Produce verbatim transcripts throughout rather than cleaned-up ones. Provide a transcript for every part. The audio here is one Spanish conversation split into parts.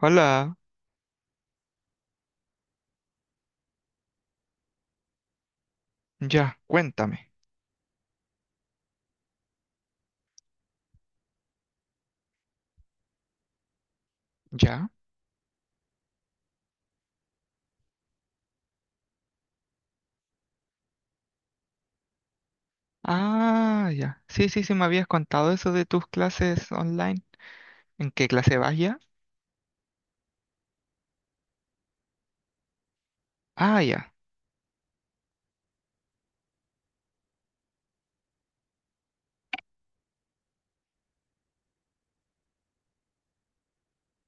Hola, ya, cuéntame, ¿ya? Ah, ya. Sí, sí, sí, me habías contado eso de tus clases online. ¿En qué clase vas ya? Ah, ya,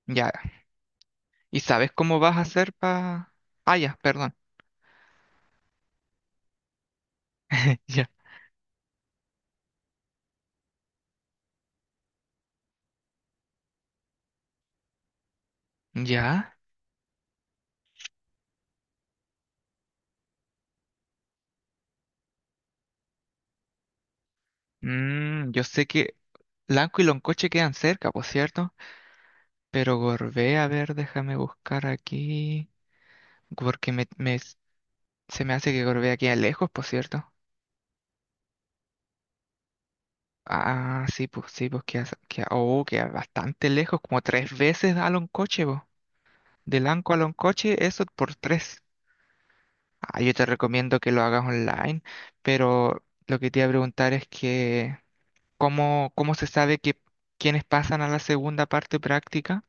ya. ¿Y sabes cómo vas a hacer para... Ah, ya, perdón. Ya. ¿Ya? Mm, yo sé que Lanco y Loncoche quedan cerca, por cierto. Pero Gorbea, a ver, déjame buscar aquí. Porque me, me- se me hace que Gorbea queda lejos, por cierto. Ah, sí, pues sí, pues queda, queda- oh, queda bastante lejos, como tres veces a Loncoche, pues. De Lanco a Loncoche, eso por tres. Ah, yo te recomiendo que lo hagas online, pero lo que te iba a preguntar es que ¿cómo, cómo se sabe que quiénes pasan a la segunda parte práctica?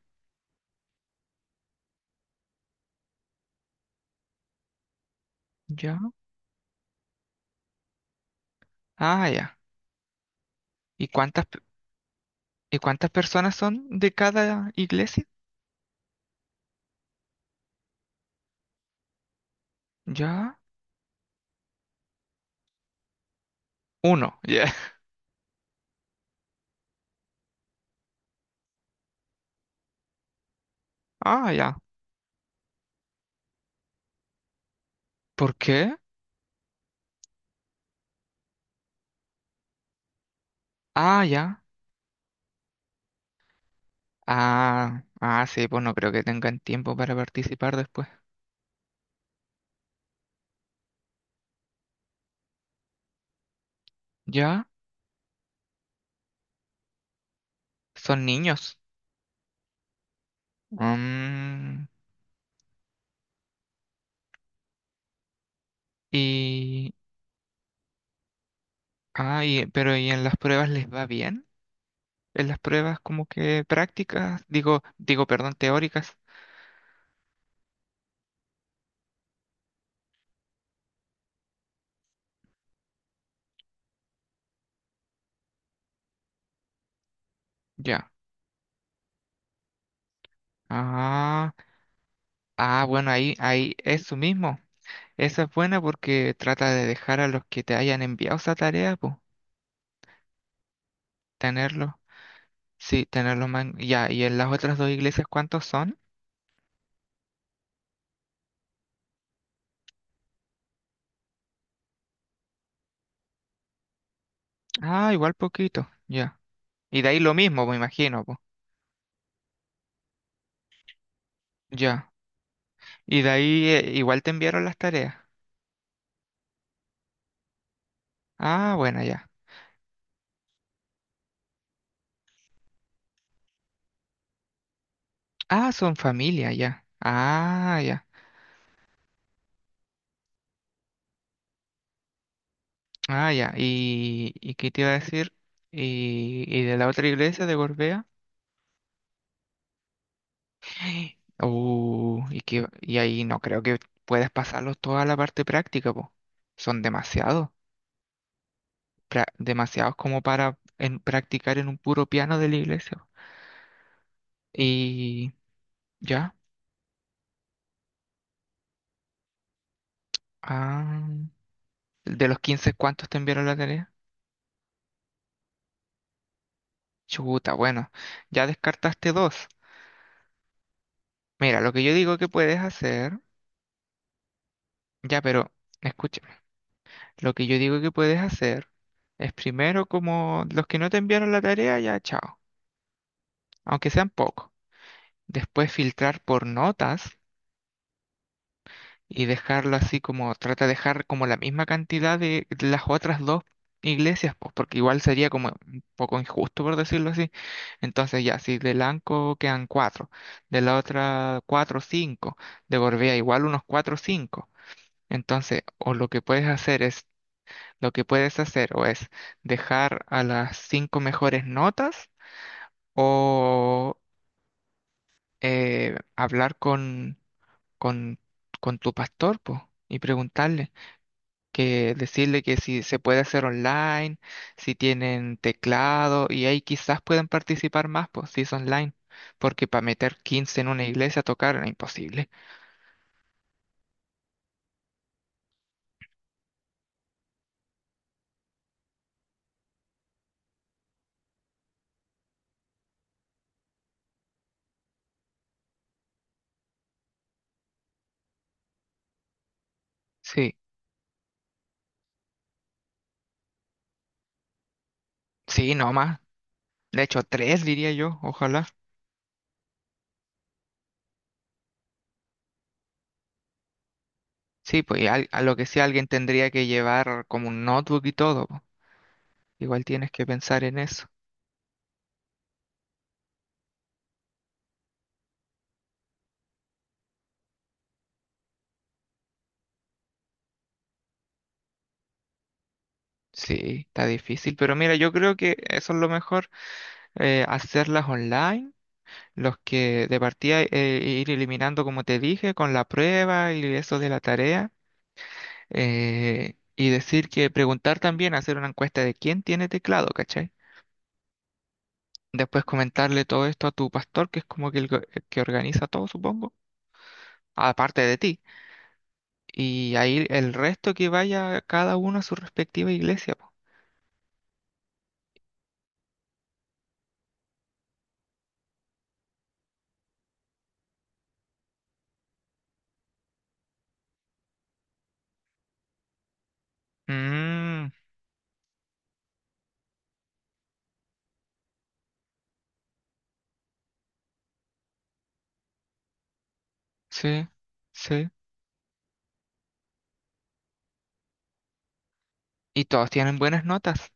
Ya. Ah, ya. ¿Y cuántas, pe- y cuántas personas son de cada iglesia? Ya. Uno, ya. Ah, ya. ¿Por qué? Ah, ya. Ah, ah, sí, pues no creo que tengan tiempo para participar después. ¿Ya? Son niños. Mm, y, ah, y- pero ¿y en las pruebas les va bien? En las pruebas como que prácticas, digo, digo, perdón, teóricas. Ya. Ah, ah, bueno, ahí, ahí, eso mismo. Esa es buena porque trata de dejar a los que te hayan enviado esa tarea, pues, tenerlos. Sí, tenerlos más. en- Ya, y en las otras dos iglesias, ¿cuántos son? Ah, igual poquito. Ya. Y de ahí lo mismo, me imagino, pues. Ya. Y de ahí eh, igual te enviaron las tareas. Ah, bueno, ya. Ah, son familia, ya. Ah, ya. Ah, ya. ¿Y, y qué te iba a decir? ¿Y, y de la otra iglesia de Gorbea? Uh, y, que, y ahí no creo que puedas pasarlos toda la parte práctica, pues. Son demasiados. pra- demasiados como para en, practicar en un puro piano de la iglesia. Y ya. Ah. ¿De los quince cuántos te enviaron la tarea? Chuta, bueno, ya descartaste dos. Mira, lo que yo digo que puedes hacer, ya, pero escúchame, lo que yo digo que puedes hacer es primero como los que no te enviaron la tarea, ya, chao, aunque sean pocos. Después filtrar por notas y dejarlo así como, trata de dejar como la misma cantidad de las otras dos iglesias, pues porque igual sería como un poco injusto por decirlo así. Entonces ya, si de Lanco quedan cuatro, de la otra cuatro o cinco, de Gorbea igual unos cuatro o cinco. Entonces, o lo que puedes hacer es, lo que puedes hacer o es dejar a las cinco mejores notas o eh, hablar con, con, con tu pastor, pues, y preguntarle. Que decirle que si se puede hacer online, si tienen teclado y ahí quizás pueden participar más, pues si es online, porque para meter quince en una iglesia a tocar era imposible. Sí, sí, no más. De hecho, tres diría yo, ojalá. Sí, pues y al- a lo que sí alguien tendría que llevar como un notebook y todo. Po. Igual tienes que pensar en eso. Sí, está difícil, pero mira, yo creo que eso es lo mejor, eh, hacerlas online los que de partida eh, ir eliminando, como te dije, con la prueba y eso de la tarea. eh, y decir que preguntar también, hacer una encuesta de quién tiene teclado, ¿cachai? Después comentarle todo esto a tu pastor, que es como que el go- el que organiza todo, supongo, aparte de ti. Y ahí el resto que vaya cada uno a su respectiva iglesia. Po. Mm, sí, sí. Y todos tienen buenas notas.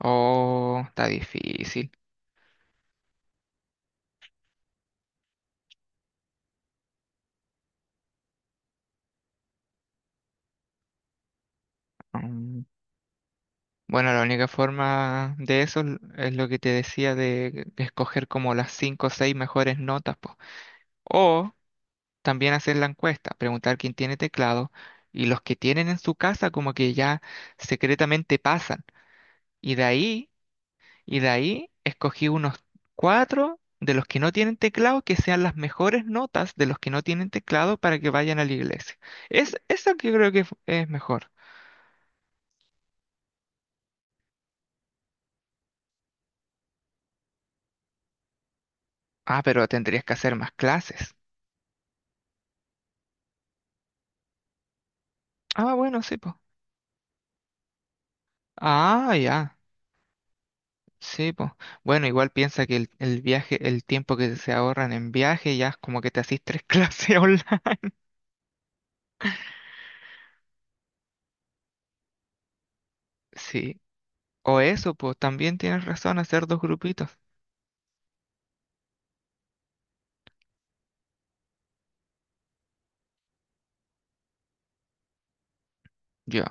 Oh, está difícil. Mm. Bueno, la única forma de eso l- es lo que te decía de escoger como las cinco o seis mejores notas, po. O también hacer la encuesta, preguntar quién tiene teclado y los que tienen en su casa como que ya secretamente pasan. Y de ahí, y de ahí escogí unos cuatro de los que no tienen teclado que sean las mejores notas de los que no tienen teclado para que vayan a la iglesia. Es eso que creo que es es mejor. Ah, pero tendrías que hacer más clases. Ah, bueno, sí, pues. Ah, ya. Sí, pues. Bueno, igual piensa que el, el viaje, el tiempo que se ahorran en viaje, ya es como que te hacís tres clases online. Sí. O eso, pues también tienes razón, hacer dos grupitos. Yo.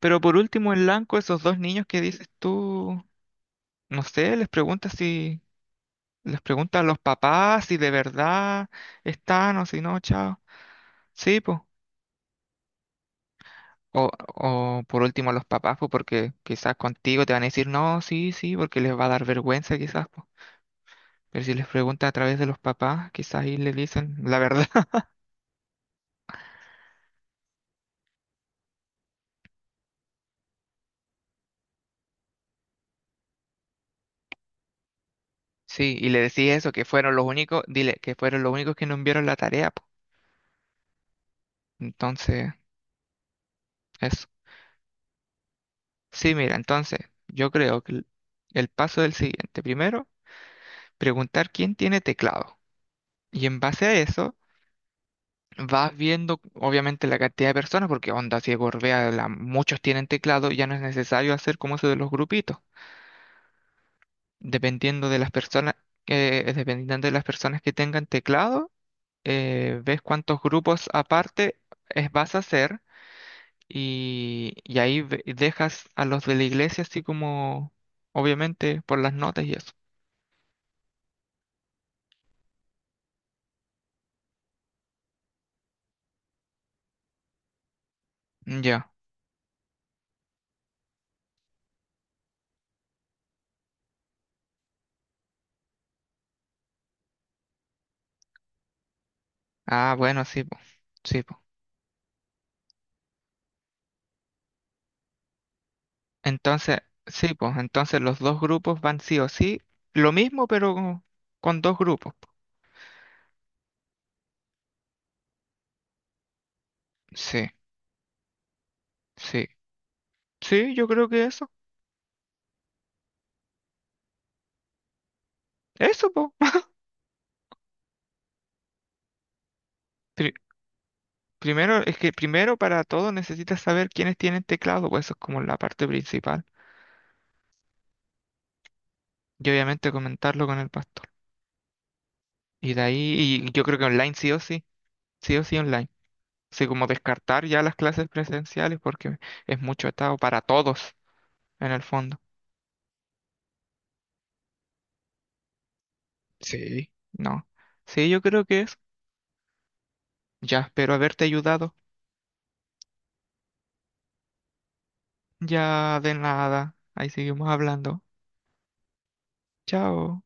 Pero por último, en blanco, esos dos niños que dices tú, no sé, les preguntas si, les preguntas a los papás si de verdad están o si no, chao. Sí, pues. O, o por último a los papás, pues porque quizás contigo te van a decir no, sí, sí, porque les va a dar vergüenza quizás. Pues. Pero si les pregunta a través de los papás, quizás ahí le dicen la verdad. Sí, y le decís eso, que fueron los únicos, dile, que fueron los únicos que no enviaron la tarea, po. Entonces, eso. Sí, mira, entonces, yo creo que el el paso del siguiente. Primero, preguntar quién tiene teclado. Y en base a eso, vas viendo, obviamente, la cantidad de personas, porque onda, si Gorbea, la- muchos tienen teclado, ya no es necesario hacer como eso de los grupitos. Dependiendo de las personas, que dependiendo de las personas que tengan teclado eh, ves cuántos grupos aparte es- vas a hacer y, y ahí ve- dejas a los de la iglesia así como, obviamente, por las notas y eso. Mm, ya. Ah, bueno, sí, po. Sí, po. Entonces, sí, pues, entonces los dos grupos van sí o sí. Lo mismo, pero con, con dos grupos. Po. Sí, sí. Sí, yo creo que eso. Eso, pues. primero, es que primero para todo necesitas saber quiénes tienen teclado, pues eso es como la parte principal. Y obviamente comentarlo con el pastor. Y de ahí, y yo creo que online sí o sí, sí o sí online. Así como descartar ya las clases presenciales porque es mucho estado para todos en el fondo. Sí. No. Sí, yo creo que es. Ya espero haberte ayudado. Ya de nada. Ahí seguimos hablando. Chao.